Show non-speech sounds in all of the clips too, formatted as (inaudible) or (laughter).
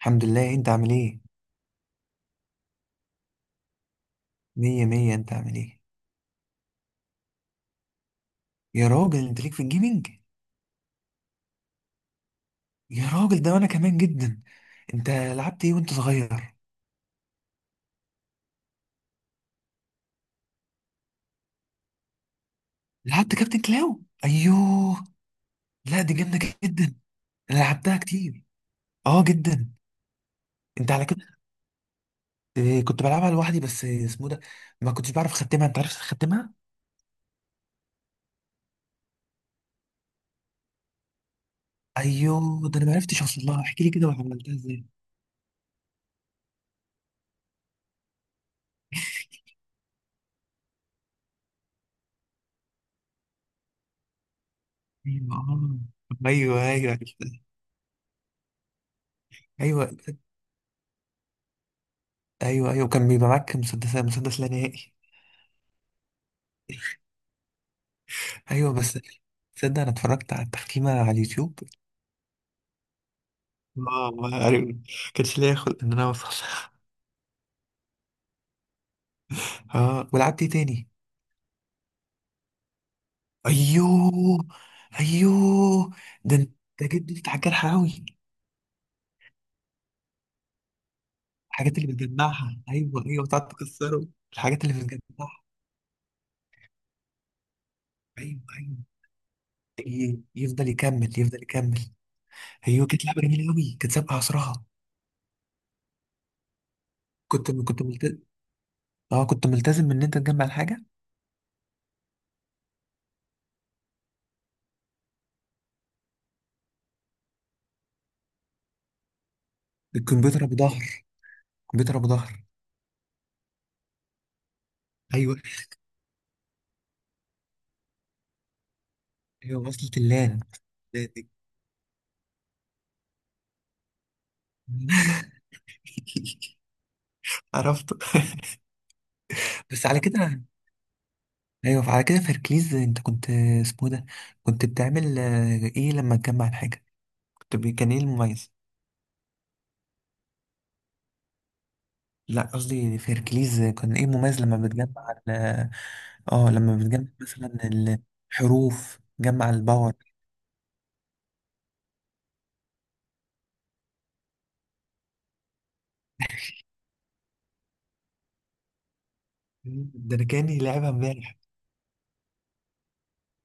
الحمد لله. انت عامل ايه؟ مية مية. انت عامل ايه؟ يا راجل، انت ليك في الجيمنج. يا راجل، ده انا كمان جدا. انت لعبت ايه وانت صغير؟ لعبت كابتن كلاو، ايوه. لا، دي جامده. جدا. انا لعبتها كتير. اه، جدا. انت على كده. اه، كنت بلعبها لوحدي، بس اسمه ده. ما كنتش بعرف اختمها. انت عرفت تختمها؟ ايوه، ده انا ما عرفتش اوصل لها. احكي لي كده، وعملتها ازاي؟ ايوه، اه. ايوه، ايوه، عرفتها. ايوه، ايوه، ايوه، كان بيبقى معاك مسدس مسدس لا نهائي. ايوه، بس. تصدق انا اتفرجت على التختيمه على اليوتيوب؟ اه، ما عارف. كانش ليا خلق ان انا اوصل. (laughs) اه، ولعبت ايه تاني؟ ايوه، ايوه، ده انت، جد انت حاجات حراوي. الحاجات اللي بتجمعها، ايوه، ايوه، بتقعد تكسره. الحاجات اللي بتجمعها. ايوه، ايوه، يفضل يكمل، يفضل يكمل. ايوه، كانت لعبه جميله قوي، كانت سابقه عصرها. كنت ملتزم. اه، كنت ملتزم ان انت تجمع الحاجه. الكمبيوتر ابو ظهر. الكمبيوتر ابو ظهر. ايوه، ايوه، وصلت اللان ذاتي. (laughs) عرفته. (laughs) بس على كده. ايوه، على كده في هركليز انت كنت، اسمه ده، كنت بتعمل ايه لما تجمع الحاجه؟ كان ايه المميز؟ لا، قصدي في هركليز كان ايه المميز لما بتجمع اه، لما بتجمع مثلا الحروف، جمع الباور. ده انا كاني لعبها امبارح.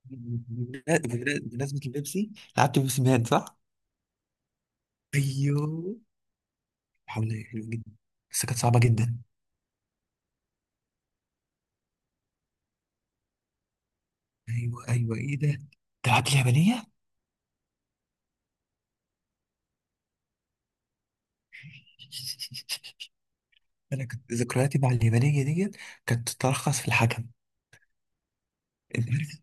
بمناسبة البيبسي، لعبت بيبسي مان، صح؟ ايوه، حول الله، حلوة جدا. بس كانت صعبة جدا. ايوه، ايوه، ايه ده؟ تلعب اليابانية؟ (laughs) انا كنت ذكرياتي مع اليابانية ديت كانت تتلخص في الحكم. انت عارف؟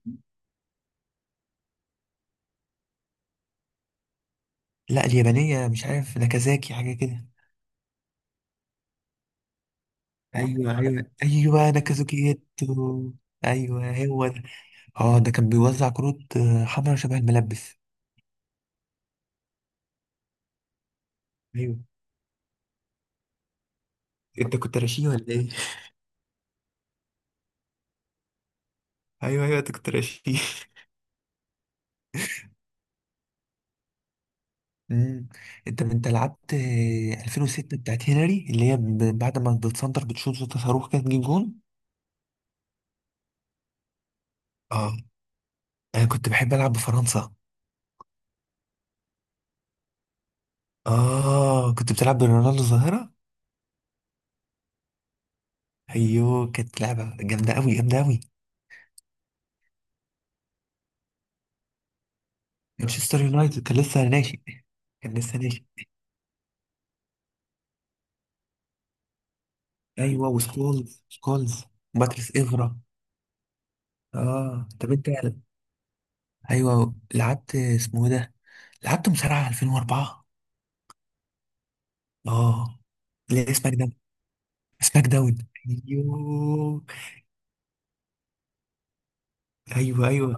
لا، اليابانية مش عارف، ناكازاكي حاجة كده. ايوه، ايوه، ايوه، ناكازاكي جيتو. ايوه، هو ده. اه، ده كان بيوزع كروت حمرا شبه الملبس. ايوه. انت كنت رشيد ولا ايه؟ ايوه، ايوه، انت كنت رشيد. (laughs) امم انت لعبت 2006 بتاعت هنري، اللي هي بعد ما بتسنتر بتشوط صوت صاروخ كده تجيب جون. اه، انا كنت بحب العب بفرنسا. اه، كنت بتلعب برونالدو الظاهرة. ايوه، كانت لعبة جامدة قوي، جامدة قوي. مانشستر يونايتد كان لسه ناشئ. كان لسه ناشئ. ايوه، وسكولز، سكولز، باتريس افرا. اه، طب انت، ايوه، لعبت اسمه إيه ده، لعبت مصارعة 2004. اه. لا، سماك داون. سماك داون. ايوه. ايوه، ايوه،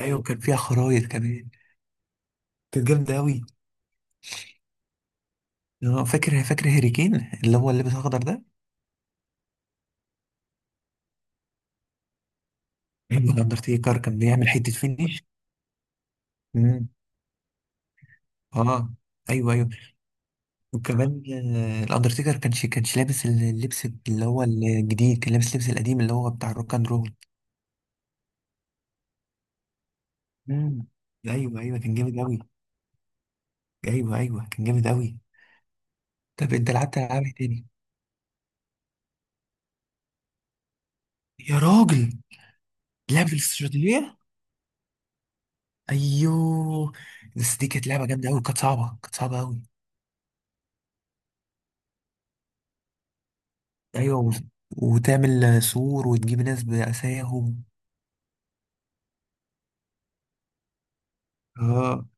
ايوه، كان فيها خرايط كمان. كانت جامدة قوي. فاكر، فاكر هاري كين، اللي هو اللي لابس اخضر ده؟ ايوه، الاندرتيكر كان بيعمل حته فينش. امم. اه، ايوه، ايوه، وكمان، الاندرتيكر كانش لابس اللبس اللي هو الجديد، كان لابس اللبس القديم اللي هو بتاع الروك اند رول. امم. ايوه، ايوه، كان جامد قوي. ايوه، ايوه، كان جامد قوي. طب انت لعبت العاب إيه تاني؟ يا راجل! لعبه الاستراتيجيه. ايوه، بس دي كانت لعبه جامده قوي، كانت صعبه، كانت صعبه قوي. ايوه، وتعمل سور وتجيب ناس باساهم. اه.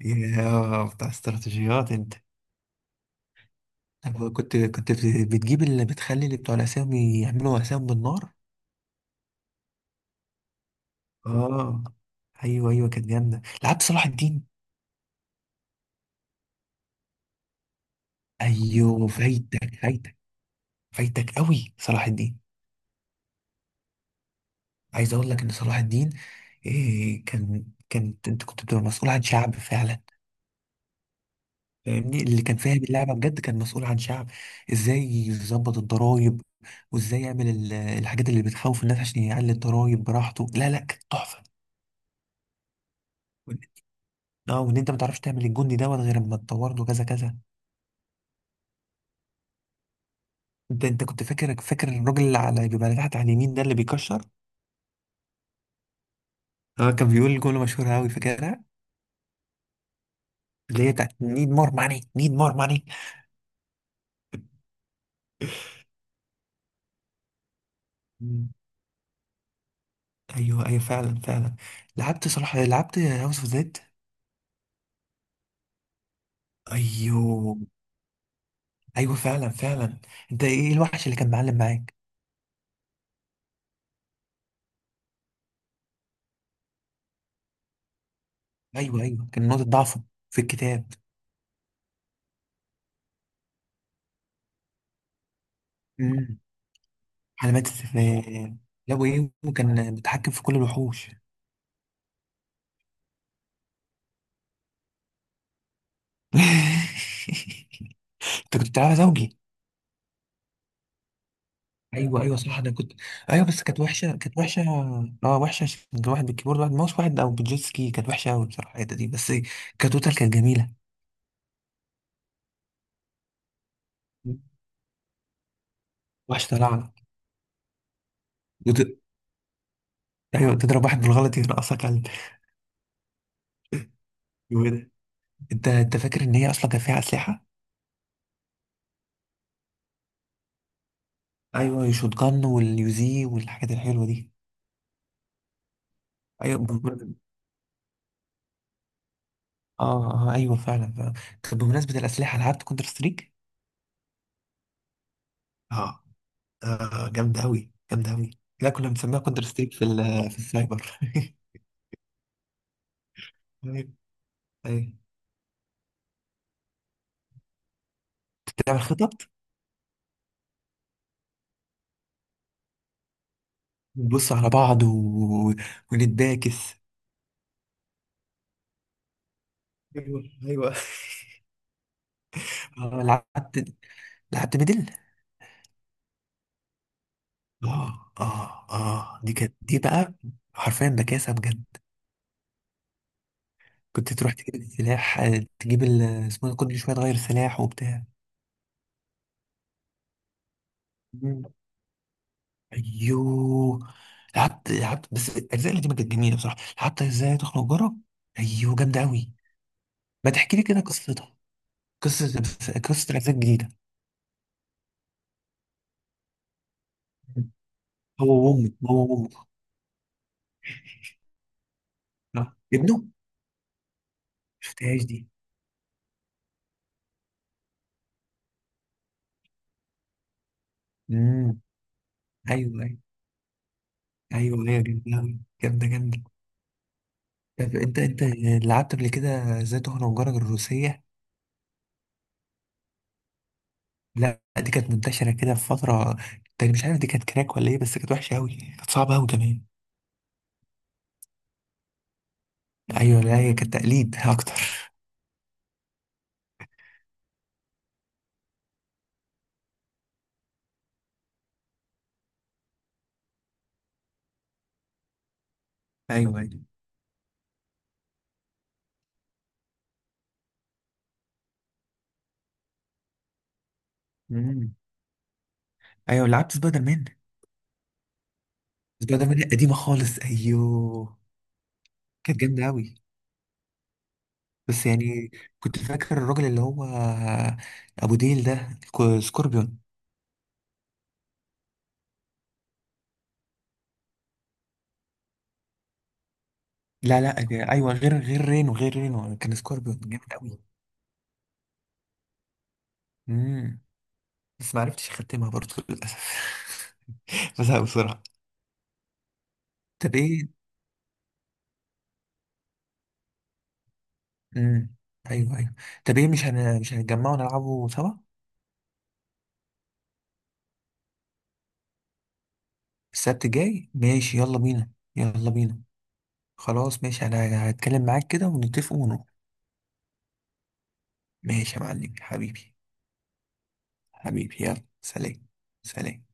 يا بتاع استراتيجيات انت! أنا كنت بتجيب اللي بتخلي اللي بتوع الأسامي يعملوا أسامي بالنار. اه، أيوه، أيوه، كانت جامدة. لعبت صلاح الدين. أيوه، فايتك، فايتك، فايتك أوي صلاح الدين. عايز أقول لك إن صلاح الدين، إيه، كانت أنت كنت بتبقى مسؤول عن شعب فعلا. فاهمني، اللي كان فاهم اللعبة بجد كان مسؤول عن شعب. إزاي يظبط الضرايب، وإزاي يعمل الحاجات اللي بتخوف الناس عشان يعلي الضرايب براحته. لا، لا، كانت تحفة. اه، وان انت ما تعرفش تعمل الجندي دوت غير اما تطور له كذا كذا. انت كنت فاكر، فاكر الراجل اللي على بيبقى تحت على اليمين ده اللي بيكشر؟ اه، كان بيقول جمله مشهوره قوي، فاكرها؟ اللي هي بتاعت نيد مور ماني، نيد مور ماني. ايوه، ايوه، فعلا، فعلا. لعبت هاوس اوف زيد. ايوه. ايوه، فعلا، فعلا. انت ايه، إيه الوحش اللي كان معلم معاك؟ ايوه، ايوه، كان نقطه ضعفه في الكتاب. امم علامات استفهام. لا، وايه، وكان متحكم في كل الوحوش. (laughs) انت كنت بتلعبها زوجي؟ ايوه، ايوه، صح، انا كنت. ايوه، بس كانت وحشه، كانت وحشه. اه، وحشه عشان كان واحد بالكيبورد، واحد ماوس، واحد او بالجيت سكي. كانت وحشه قوي بصراحه الحته دي بس. كتوتال كانت جميله. وحشه طلعنا. وت... ايوه، تضرب واحد بالغلط، يرقصك على الجو ده. انت فاكر ان هي اصلا كان فيها اسلحه؟ ايوه، الشوت جان واليوزي والحاجات الحلوه دي. ايوه، اه، اه، ايوه، فعلا، فعلا. طب بمناسبه الاسلحه، لعبت كونتر ستريك؟ اه. جامده قوي، جامده قوي. لا، كنا بنسميها كونتر ستريك في في السايبر. (laughs) طيب. ايوه، بتعمل خطط. نبص على بعض ونتباكس. ايوه، ايوه. (laughs) اه، لعبت ميدل. اه، اه، اه، دي كانت دي بقى حرفيا بكاسه بجد. كنت تروح تجيب السلاح، تجيب اسمه إيه ده، كل شويه تغير سلاح وبتاع. مم. ايوه، لعبت. بس الاجزاء اللي دي ما كانت جميله بصراحه. لعبت ازاي تخنق جارك. ايوه، جامده قوي. ما تحكي لي كده قصتها، قصه، قصه الاجزاء الجديده. هو وامه، هو وامه. صح، ابنه ما شفتهاش دي. امم، ايوه، ايوه. ايوه، ايوه، جامده أوي. جامده، جامده. طب انت لعبت قبل كده ازاي تخنق جارك الروسيه؟ لا، دي كانت منتشره كده في فتره تاني، مش عارف دي كانت كراك ولا ايه، بس كانت وحشه قوي، كانت صعبه قوي كمان. ايوه، لا هي كانت تقليد اكتر. (laughs) ايوه، ايوه. امم، ايوه، لعبت سبايدر مان. سبايدر مان قديمه خالص، ايوه. كانت جامده قوي. بس يعني، كنت فاكر الراجل اللي هو ابو ديل ده، سكوربيون؟ لا، لا، ايوه، غير رينو، غير رينو، كان سكوربيون جامد قوي. امم بس ما عرفتش اختمها برضه، للاسف. (laughs) بزهق بسرعه. طب ايه؟ امم، ايوه، ايوه. طب ايه، مش هنتجمع ونلعبه سوا؟ السبت الجاي، ماشي، يلا بينا. يلا بينا. خلاص، ماشي، انا هتكلم معاك كده ونتفق ونروح. ماشي يا معلم حبيبي. حبيبي، يلا، سلام. سلام.